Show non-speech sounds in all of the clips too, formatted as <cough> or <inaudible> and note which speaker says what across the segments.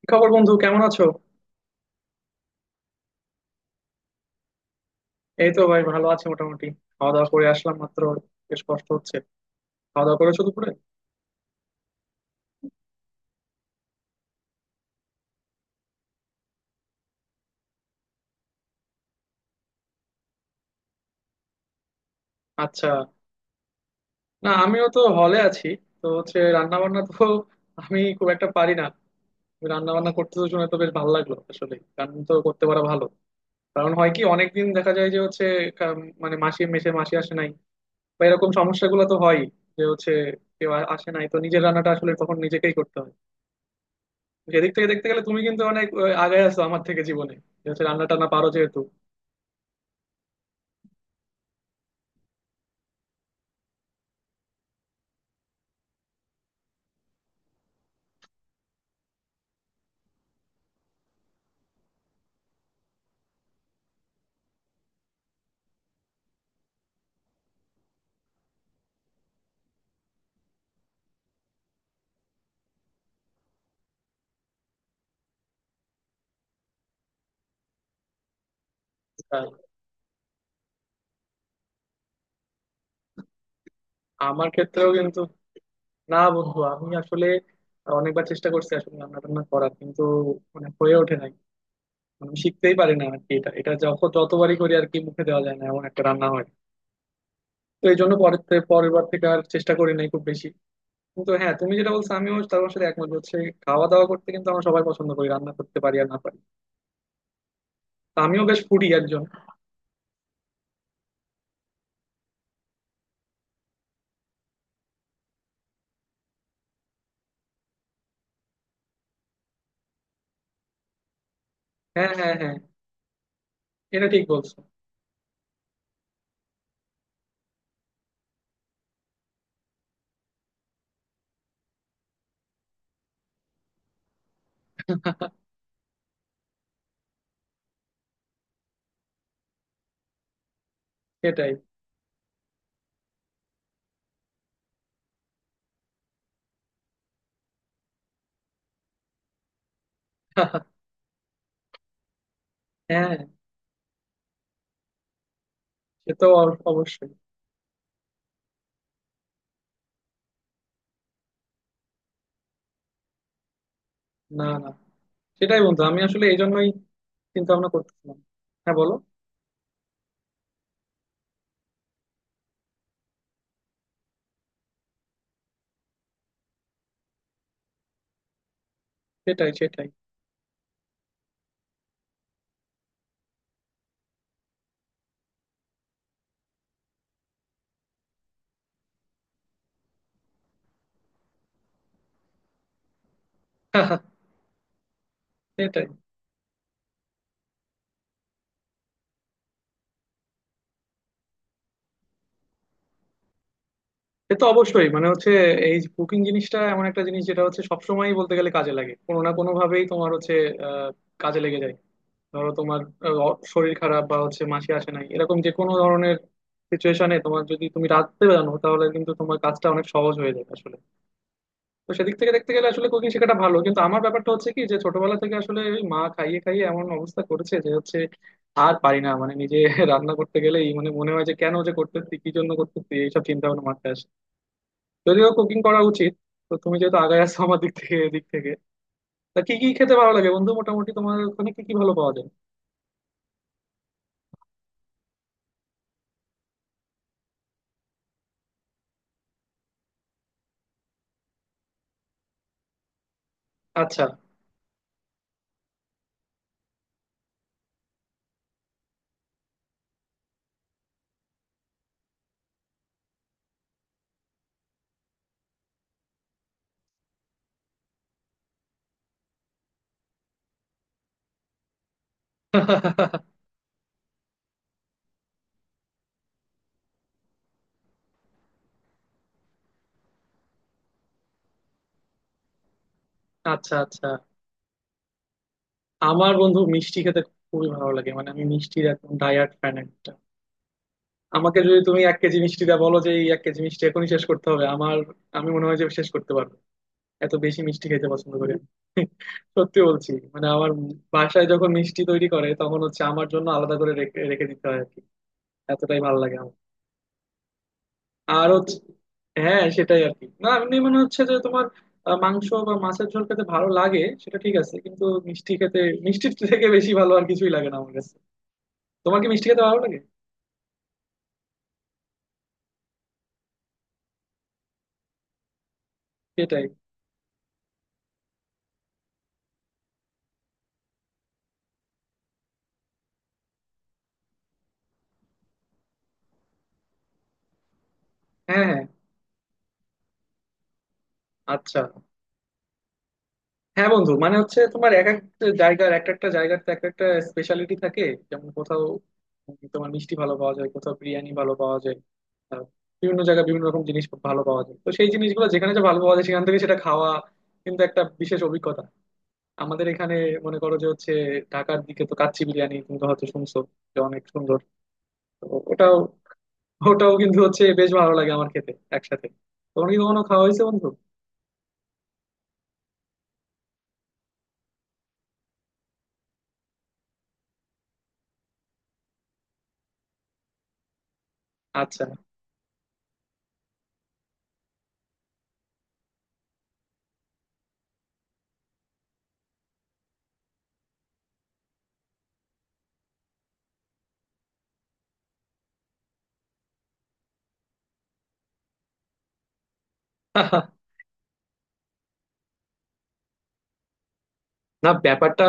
Speaker 1: কি খবর, বন্ধু? কেমন আছো? এই তো ভাই, ভালো আছি মোটামুটি। খাওয়া দাওয়া করে আসলাম মাত্র। বেশ কষ্ট হচ্ছে। খাওয়া দাওয়া করেছো দুপুরে? আচ্ছা। না, আমিও তো হলে আছি। তো হচ্ছে রান্না বান্না তো। <laughs> আমি খুব একটা পারি না রান্না বান্না করতে। তো শুনে তো বেশ ভালো লাগলো, আসলে রান্না তো করতে পারা ভালো। কারণ হয় কি, অনেকদিন দেখা যায় যে হচ্ছে মানে মেসে মাসি আসে নাই বা এরকম সমস্যাগুলো তো হয়, যে হচ্ছে কেউ আসে নাই, তো নিজের রান্নাটা আসলে তখন নিজেকেই করতে হয়। সেদিক থেকে দেখতে গেলে তুমি কিন্তু অনেক আগায় আছো আমার থেকে জীবনে, যে হচ্ছে রান্না টান্না পারো যেহেতু। হ্যাঁ, আমার ক্ষেত্রেও কিন্তু। না বন্ধু, আমি আসলে অনেকবার চেষ্টা করছি আসলে রান্না টান্না করার, কিন্তু মানে হয়ে ওঠে নাই। মানে আমি শিখতেই পারি না আর কি। এটা এটা যখন যতবারই করি আর কি, মুখে দেওয়া যায় না এমন একটা রান্না হয়। তো এই জন্য পরের বার থেকে আর চেষ্টা করি নাই খুব বেশি। কিন্তু হ্যাঁ, তুমি যেটা বলছো আমিও তার সাথে একমত। হচ্ছে খাওয়া দাওয়া করতে কিন্তু আমরা সবাই পছন্দ করি, রান্না করতে পারি আর না পারি। তো আমিও বেশ ফুডি একজন। হ্যাঁ, হ্যাঁ, হ্যাঁ। এটা ঠিক বলছো। সেটাই। <laughs> হ্যাঁ, সে তো অবশ্যই। না, না। সেটাই বন্ধু, আমি আসলে এই জন্যই চিন্তা ভাবনা করতেছিলাম। হ্যাঁ, বলো। সেটাই, সেটাই। <laughs> সেটাই। সে তো অবশ্যই। মানে হচ্ছে এই কুকিং জিনিসটা এমন একটা জিনিস যেটা হচ্ছে সবসময়ই বলতে গেলে কাজে লাগে, কোনো না কোনো ভাবেই তোমার হচ্ছে আহ, কাজে লেগে যায়। ধরো তোমার শরীর খারাপ বা হচ্ছে মাসি আসে নাই, এরকম যে কোনো ধরনের সিচুয়েশনে তোমার যদি তুমি রাঁধতে জানো তাহলে কিন্তু তোমার কাজটা অনেক সহজ হয়ে যায় আসলে। তো সেদিক থেকে দেখতে গেলে আসলে কুকিং শেখাটা ভালো, কিন্তু আমার ব্যাপারটা হচ্ছে কি, যে ছোটবেলা থেকে আসলে ওই মা খাইয়ে খাইয়ে এমন অবস্থা করেছে যে হচ্ছে আর পারি না। মানে নিজে <laughs> রান্না করতে গেলেই মানে মনে হয় যে, কেন যে করতেছি কি জন্য করতেছি, এইসব চিন্তা ভাবনা মাথায় আসে। যদিও কুকিং করা উচিত। তো তুমি যেহেতু আগায় আছো আমার দিক থেকে এদিক থেকে, তা কি কি খেতে ভালো লাগে বন্ধু মোটামুটি? তোমার ওখানে কি কি ভালো পাওয়া যায়? আচ্ছা। <laughs> আচ্ছা, আচ্ছা। আমার বন্ধু মিষ্টি খেতে খুবই ভালো লাগে। মানে আমি মিষ্টির একদম ডায়াট ফ্যান একটা। আমাকে যদি তুমি এক কেজি মিষ্টি দা বলো যে, এই এক কেজি মিষ্টি এখনই শেষ করতে হবে, আমার আমি মনে হয় যে শেষ করতে পারবো। এত বেশি মিষ্টি খেতে পছন্দ করি আমি। <laughs> সত্যি বলছি। মানে আমার বাসায় যখন মিষ্টি তৈরি করে তখন হচ্ছে আমার জন্য আলাদা করে রেখে রেখে দিতে হয় আর কি। এতটাই ভালো লাগে আমার। আর হচ্ছে, হ্যাঁ, সেটাই আর কি। না এমনি মনে হচ্ছে যে তোমার মাংস বা মাছের ঝোল খেতে ভালো লাগে সেটা ঠিক আছে, কিন্তু মিষ্টি খেতে, মিষ্টির <laughs> থেকে বেশি ভালো আর কিছুই লাগে না আমার কাছে। তোমার কি মিষ্টি খেতে ভালো লাগে? সেটাই। হ্যাঁ, হ্যাঁ। আচ্ছা। হ্যাঁ বন্ধু, মানে হচ্ছে তোমার এক এক জায়গার, এক একটা জায়গার তো এক একটা স্পেশালিটি থাকে। যেমন কোথাও তোমার মিষ্টি ভালো পাওয়া যায়, কোথাও বিরিয়ানি ভালো পাওয়া যায়। আহ, বিভিন্ন জায়গায় বিভিন্ন রকম জিনিস ভালো পাওয়া যায়। তো সেই জিনিসগুলো যেখানে যে ভালো পাওয়া যায় সেখান থেকে সেটা খাওয়া কিন্তু একটা বিশেষ অভিজ্ঞতা। আমাদের এখানে মনে করো যে হচ্ছে ঢাকার দিকে তো কাচ্চি বিরিয়ানি, তুমি তো হয়তো শুনছো যে অনেক সুন্দর। তো ওটাও ওটাও কিন্তু হচ্ছে বেশ ভালো লাগে আমার খেতে একসাথে। তোমার কি কখনো খাওয়া হয়েছে বন্ধু? আচ্ছা। না, ব্যাপারটা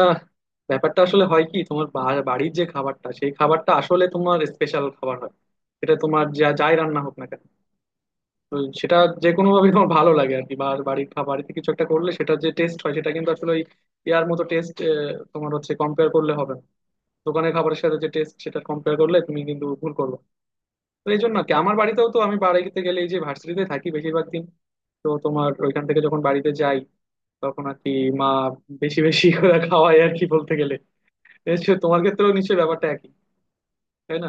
Speaker 1: ব্যাপারটা আসলে হয় কি, তোমার বাড়ির যে খাবারটা সেই খাবারটা আসলে তোমার স্পেশাল খাবার হয়। সেটা তোমার যা যাই রান্না হোক না কেন, তো সেটা যে কোনো ভাবে তোমার ভালো লাগে আর কি। বা বাড়ির খাবার থেকে কিছু একটা করলে সেটা যে টেস্ট হয় সেটা কিন্তু আসলে ওই ইয়ার মতো টেস্ট। তোমার হচ্ছে কম্পেয়ার করলে হবে না। দোকানের খাবারের সাথে যে টেস্ট সেটা কম্পেয়ার করলে তুমি কিন্তু ভুল করবে। তো এই জন্য আর কি, আমার বাড়িতেও তো, আমি বাড়িতে গেলে, এই যে ভার্সিটিতে থাকি বেশিরভাগ দিন, তো তোমার ওইখান থেকে যখন বাড়িতে যাই তখন আর কি মা বেশি বেশি করে খাওয়ায় আর কি বলতে গেলে। নিশ্চয়ই তোমার ক্ষেত্রেও নিশ্চয়ই ব্যাপারটা একই, তাই না?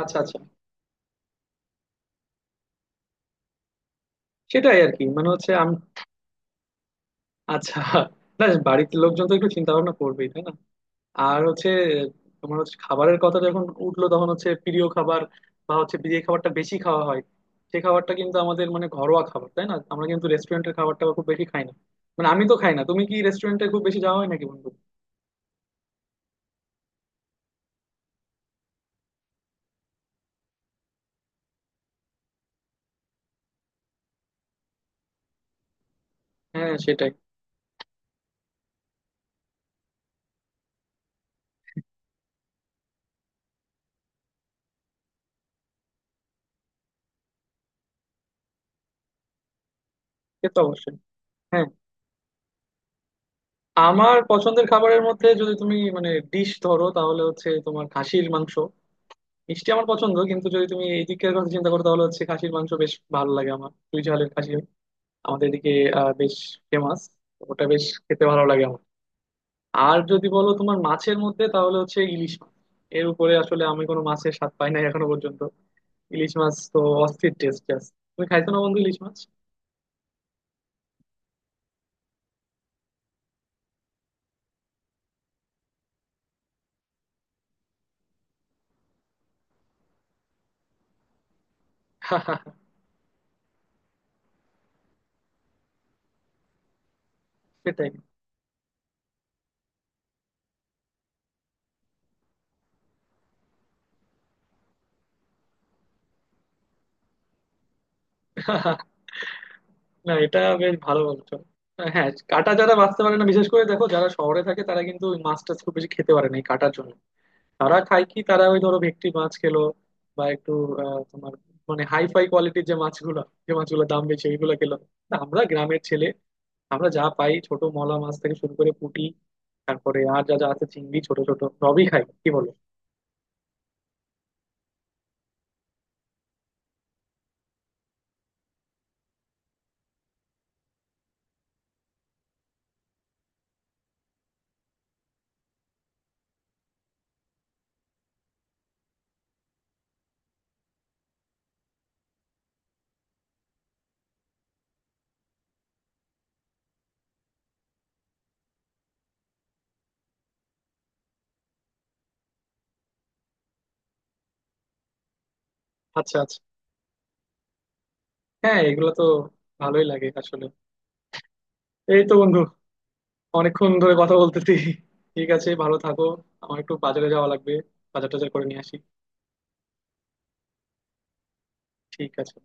Speaker 1: আচ্ছা, আচ্ছা। সেটাই আর কি, মানে হচ্ছে আমি। আচ্ছা। না, বাড়িতে লোকজন তো একটু চিন্তা ভাবনা করবেই, তাই না? আর হচ্ছে তোমার হচ্ছে খাবারের কথা যখন উঠলো তখন হচ্ছে প্রিয় খাবার বা হচ্ছে যে খাবারটা বেশি খাওয়া হয়, সে খাবারটা কিন্তু আমাদের মানে ঘরোয়া খাবার, তাই না? আমরা কিন্তু রেস্টুরেন্টের খাবারটা খুব বেশি খাই না, মানে আমি তো খাই না। তুমি কি রেস্টুরেন্টে খুব বেশি যাওয়া হয় নাকি বন্ধু? হ্যাঁ, সেটাই। সে তো অবশ্যই। হ্যাঁ, আমার পছন্দের খাবারের মধ্যে যদি তুমি মানে ডিশ ধরো তাহলে হচ্ছে তোমার খাসির মাংস। মিষ্টি আমার পছন্দ, কিন্তু যদি তুমি এই দিকের কথা চিন্তা করো তাহলে হচ্ছে খাসির মাংস বেশ ভালো লাগে আমার। দুই ঝালের খাসি আমাদের এদিকে বেশ ফেমাস। ওটা বেশ খেতে ভালো লাগে আমার। আর যদি বলো তোমার মাছের মধ্যে তাহলে হচ্ছে ইলিশ মাছ। এর উপরে আসলে আমি কোনো মাছের স্বাদ পাই নাই এখনো পর্যন্ত। ইলিশ মাছ তো অস্থির টেস্ট জাস্ট। তুমি খাইছো না বন্ধু ইলিশ মাছ? <laughs> সেটাই। না, এটা বেশ ভালো বলছো। হ্যাঁ, কাঁটা যারা বাঁচতে পারে না, বিশেষ করে দেখো যারা শহরে থাকে, তারা কিন্তু ওই মাছটা খুব বেশি খেতে পারে না এই কাঁটার জন্য। তারা খায় কি, তারা ওই ধরো ভেটকি মাছ খেলো বা একটু তোমার মানে হাইফাই কোয়ালিটির যে মাছগুলো, যে মাছগুলোর দাম বেশি, এইগুলো খেলো। তা আমরা গ্রামের ছেলে, আমরা যা পাই ছোট মলা মাছ থেকে শুরু করে পুঁটি, তারপরে আর যা যা আছে চিংড়ি ছোট ছোট সবই খাই, কি বলো। আচ্ছা, আচ্ছা। হ্যাঁ, এগুলো তো ভালোই লাগে আসলে। এই তো বন্ধু, অনেকক্ষণ ধরে কথা বলতেছি। ঠিক আছে, ভালো থাকো। আমার একটু বাজারে যাওয়া লাগবে। বাজার টাজার করে নিয়ে আসি। ঠিক আছে।